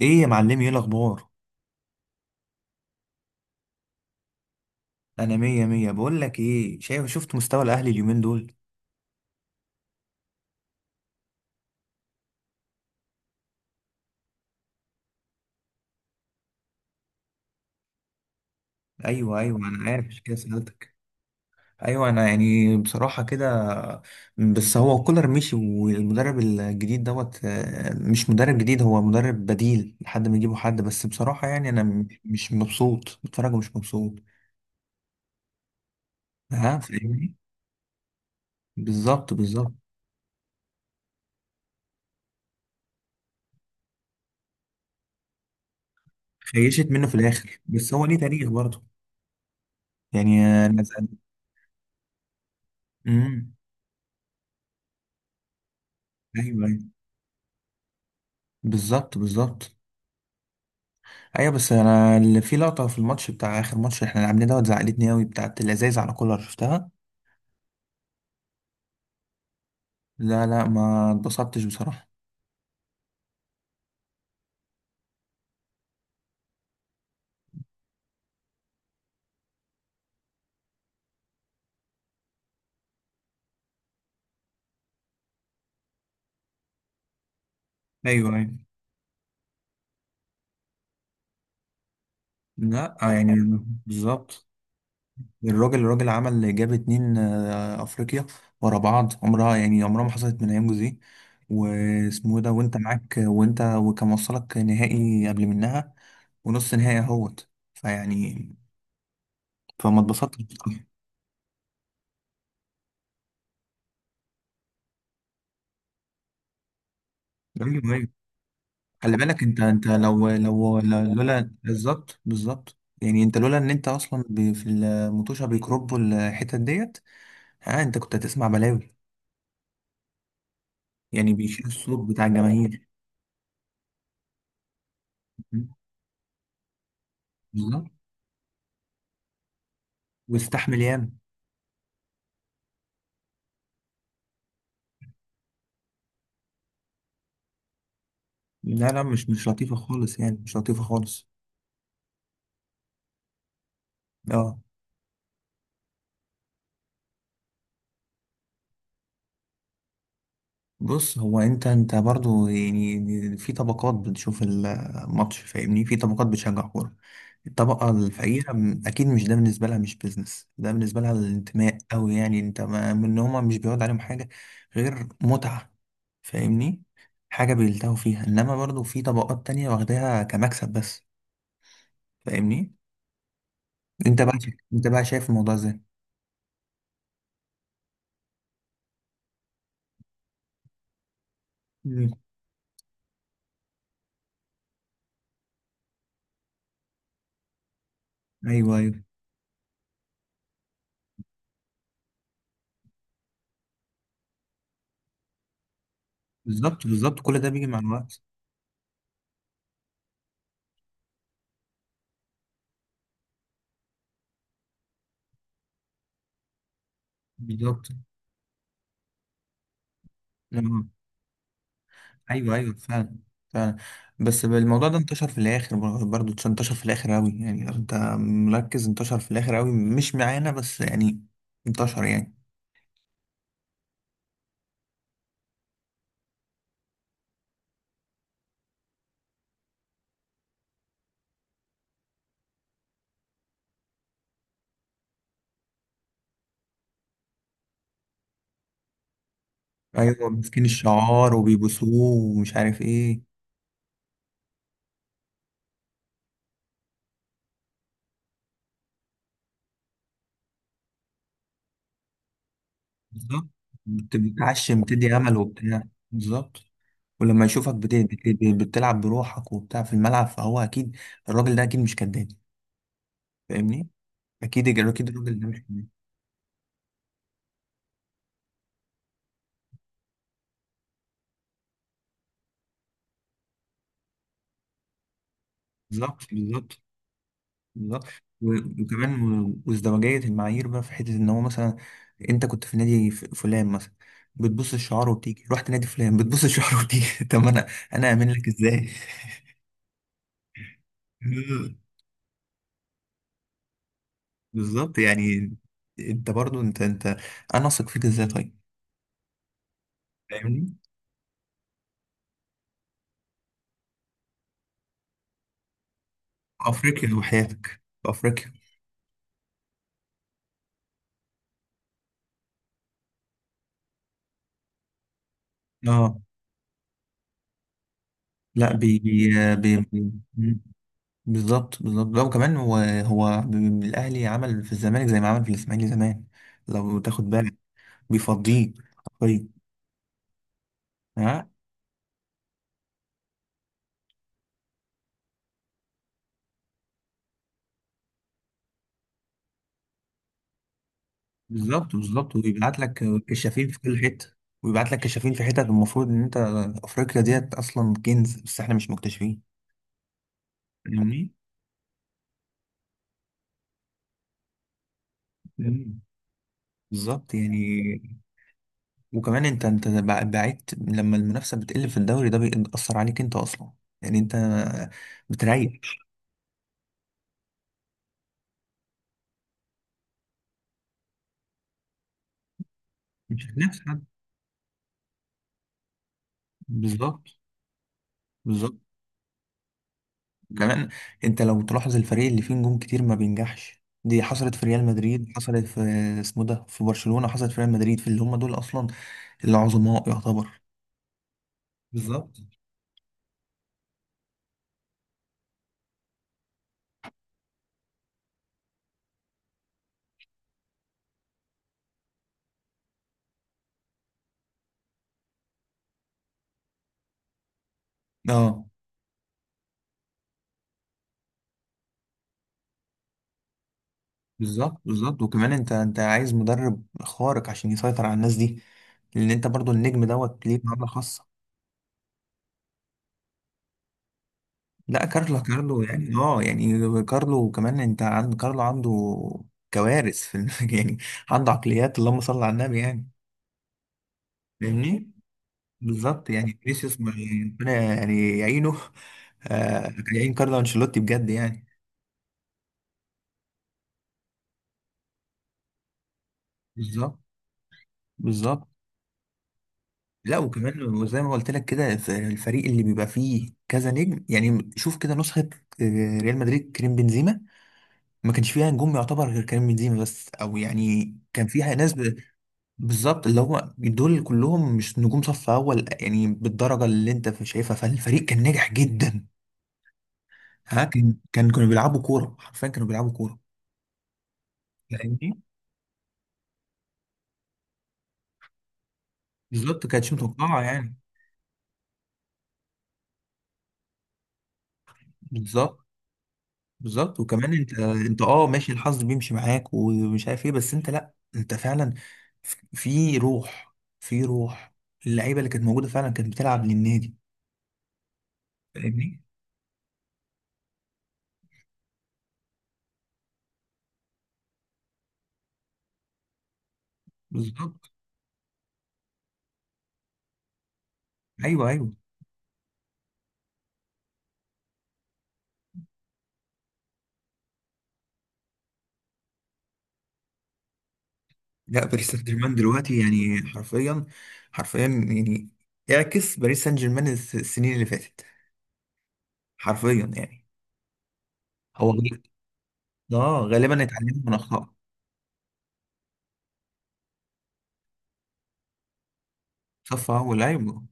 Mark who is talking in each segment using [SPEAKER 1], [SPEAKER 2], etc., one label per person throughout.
[SPEAKER 1] ايه يا معلمي؟ ايه الاخبار؟ انا مية مية. بقول لك ايه، شايف، شفت مستوى الاهلي اليومين دول؟ ايوه ايوه انا عارف عشان كده سألتك. ايوه، انا يعني بصراحة كده. بس هو كولر مشي والمدرب الجديد دوت مش مدرب جديد، هو مدرب بديل لحد ما يجيبوا حد. بس بصراحة يعني انا مش مبسوط، بتفرج ومش مبسوط. ها، فاهمني؟ بالظبط بالظبط. خيشت منه في الاخر بس هو ليه تاريخ برضه. يعني انا زعلان. امم. ايوه ايوه. بالظبط بالظبط. ايوه بس انا اللي في لقطه في الماتش بتاع اخر ماتش احنا لعبناه دوت زعلتني قوي، بتاعت الازايز على كولر شفتها. لا لا، ما اتبسطتش بصراحه. ايوه ايوه. لا يعني. بالظبط. الراجل الراجل عمل جاب اتنين افريقيا ورا بعض، عمرها يعني عمرها ما حصلت من ايام جوزيه واسمه إيه ده، وانت معاك وانت وكان وصلك نهائي قبل منها ونص نهائي اهوت فيعني. فما اتبسطتش بصراحة. ايوه ايوه. خلي بالك انت لولا، بالظبط بالظبط. يعني انت لولا ان انت اصلا في المطوشه بيكربوا الحتت ديت، ها انت كنت هتسمع بلاوي، يعني بيشيل الصوت بتاع الجماهير. بالظبط. واستحمل ياما. لا لا، مش لطيفه خالص يعني مش لطيفه خالص. اه. بص، هو انت برضو يعني في طبقات بتشوف الماتش، فاهمني، في طبقات بتشجع كورة. الطبقة الفقيرة، اكيد، مش ده بالنسبة لها مش بيزنس، ده بالنسبة لها الانتماء أوي، يعني انت ما من إن هما مش بيعود عليهم حاجة غير متعة. فاهمني؟ حاجة بيلتهوا فيها، انما برضو في طبقات تانية واخداها كمكسب بس. فاهمني؟ انت بقى انت بقى شايف الموضوع ازاي؟ مم. ايوه ايوه. بالظبط بالظبط، كل ده بيجي مع الوقت. بالظبط. ايوه ايوه، فعلا. فعلا. بس الموضوع ده انتشر في الاخر، برضه انتشر في الاخر قوي، يعني لو انت مركز انتشر في الاخر قوي، مش معانا بس يعني، انتشر يعني. ايوه، ماسكين الشعار وبيبوسوه ومش عارف ايه. بالظبط. بتعشم، بتدي امل وبتاع. بالظبط. ولما يشوفك بتلعب بروحك وبتاع في الملعب، فهو اكيد الراجل ده اكيد مش كداب. فاهمني؟ اكيد اكيد. الراجل ده مش كداب. بالظبط. بالظبط بالظبط. وكمان، وازدواجية المعايير بقى في حتة إن هو مثلا أنت كنت في نادي فلان مثلا، بتبص الشعار وبتيجي، رحت نادي فلان بتبص الشعار وبتيجي طب أنا أأمن لك إزاي؟ بالظبط يعني. أنت برضو أنت. أنا أثق فيك إزاي طيب؟ فاهمني؟ في أفريقيا وحياتك في أفريقيا. اه لا، بي بي, بي. مم. بالظبط بالظبط. لا وكمان هو، هو الاهلي عمل في الزمالك زي ما عمل في الاسماعيلي زمان، لو تاخد بالك بيفضيه حرفيا. ها، بالظبط بالظبط، ويبعت لك كشافين في كل حته، ويبعت لك كشافين في حتت، المفروض ان انت افريقيا ديت اصلا كنز بس احنا مش مكتشفين. فاهمني؟ مم. بالظبط يعني. وكمان انت بعدت لما المنافسه بتقل في الدوري ده بيأثر عليك انت اصلا. يعني انت بتريح، مش هتنافس حد. بالظبط. بالظبط. كمان، انت لو تلاحظ الفريق اللي فيه نجوم كتير ما بينجحش، دي حصلت في ريال مدريد، حصلت في اسمه ده في برشلونة، حصلت في ريال مدريد، في اللي هم دول اصلا العظماء يعتبر. بالظبط. اه. بالظبط بالظبط. وكمان انت عايز مدرب خارق عشان يسيطر على الناس دي، لان انت برضو النجم دوت ليه معاملة خاصة. لا، كارلو كارلو يعني، اه يعني كارلو كمان انت، عند كارلو عنده كوارث في يعني. عنده عقليات اللهم صل على النبي يعني. فاهمني؟ بالظبط يعني. فينيسيوس ربنا يعني يعينه. آه، كان يعين كارلو انشيلوتي بجد يعني. بالظبط بالظبط. لا وكمان، وزي ما قلت لك كده، الفريق اللي بيبقى فيه كذا نجم يعني، شوف كده نسخة ريال مدريد. كريم بنزيما ما كانش فيها نجوم يعتبر غير كريم بنزيما بس، او يعني كان فيها ناس بالظبط. اللي هم دول كلهم مش نجوم صف اول، يعني بالدرجة اللي انت شايفها، فالفريق كان ناجح جدا. ها، كان كانوا بيلعبوا كورة، حرفيا كانوا بيلعبوا كورة. فاهمني؟ بالظبط، كانتش متوقعه يعني. بالظبط بالظبط. وكمان انت اه، ماشي الحظ بيمشي معاك ومش عارف ايه، بس انت لا، انت فعلا في روح. في روح، اللعيبه اللي كانت موجوده فعلا كانت بتلعب للنادي. فاهمني؟ بالظبط. ايوه ايوه. لا، باريس سان جيرمان دلوقتي يعني حرفيا، حرفيا يعني. اعكس باريس سان جيرمان السنين اللي فاتت، حرفيا يعني. هو اه غالبا اتعلموا من اخطائه. صف اول، ايوه.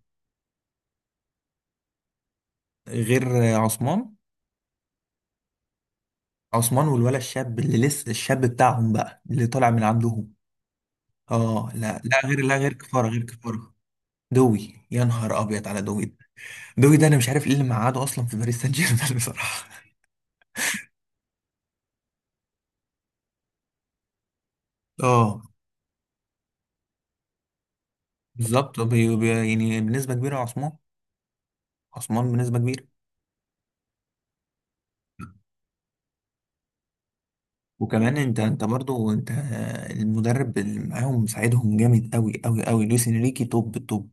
[SPEAKER 1] غير عثمان. عثمان والولا الشاب اللي لسه، الشاب بتاعهم بقى اللي طالع من عندهم. اه لا لا غير، لا غير كفاره، غير كفاره. دوي، يا نهار ابيض على دوي ده. دوي ده انا مش عارف ايه اللي مقعده اصلا في باريس سان جيرمان بصراحه. اه، بالظبط. يعني بنسبه كبيره، عثمان. عثمان بنسبه كبيره. وكمان انت برضو انت، المدرب اللي معاهم مساعدهم جامد قوي قوي قوي، لويس انريكي توب توب.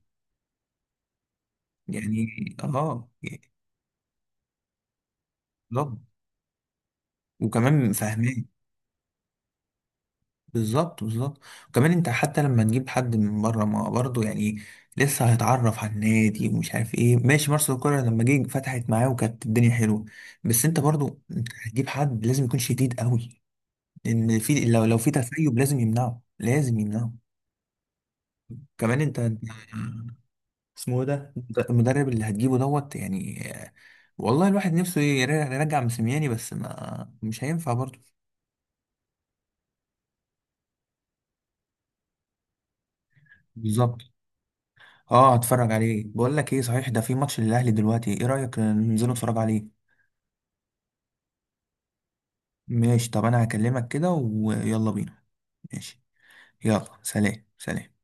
[SPEAKER 1] يعني اه يعني، بالظبط وكمان فاهمان. بالظبط بالظبط. وكمان انت حتى لما تجيب حد من بره ما برضه يعني، لسه هيتعرف على النادي ومش عارف ايه، ماشي مارسيل كولر لما جه فتحت معاه وكانت الدنيا حلوه. بس انت برضه هتجيب حد لازم يكون شديد قوي، لان في، لو في تسيب لازم يمنعه، لازم يمنعه. كمان اسمه ده، المدرب اللي هتجيبه دوت يعني والله الواحد نفسه يرجع مسمياني بس ما مش هينفع برضه. بالظبط. اه، هتفرج عليه. بقول لك ايه صحيح، ده في ماتش للاهلي دلوقتي، ايه رايك ننزل نتفرج عليه؟ ماشي، طب انا هكلمك كده ويلا بينا. ماشي. يلا، سلام سلام.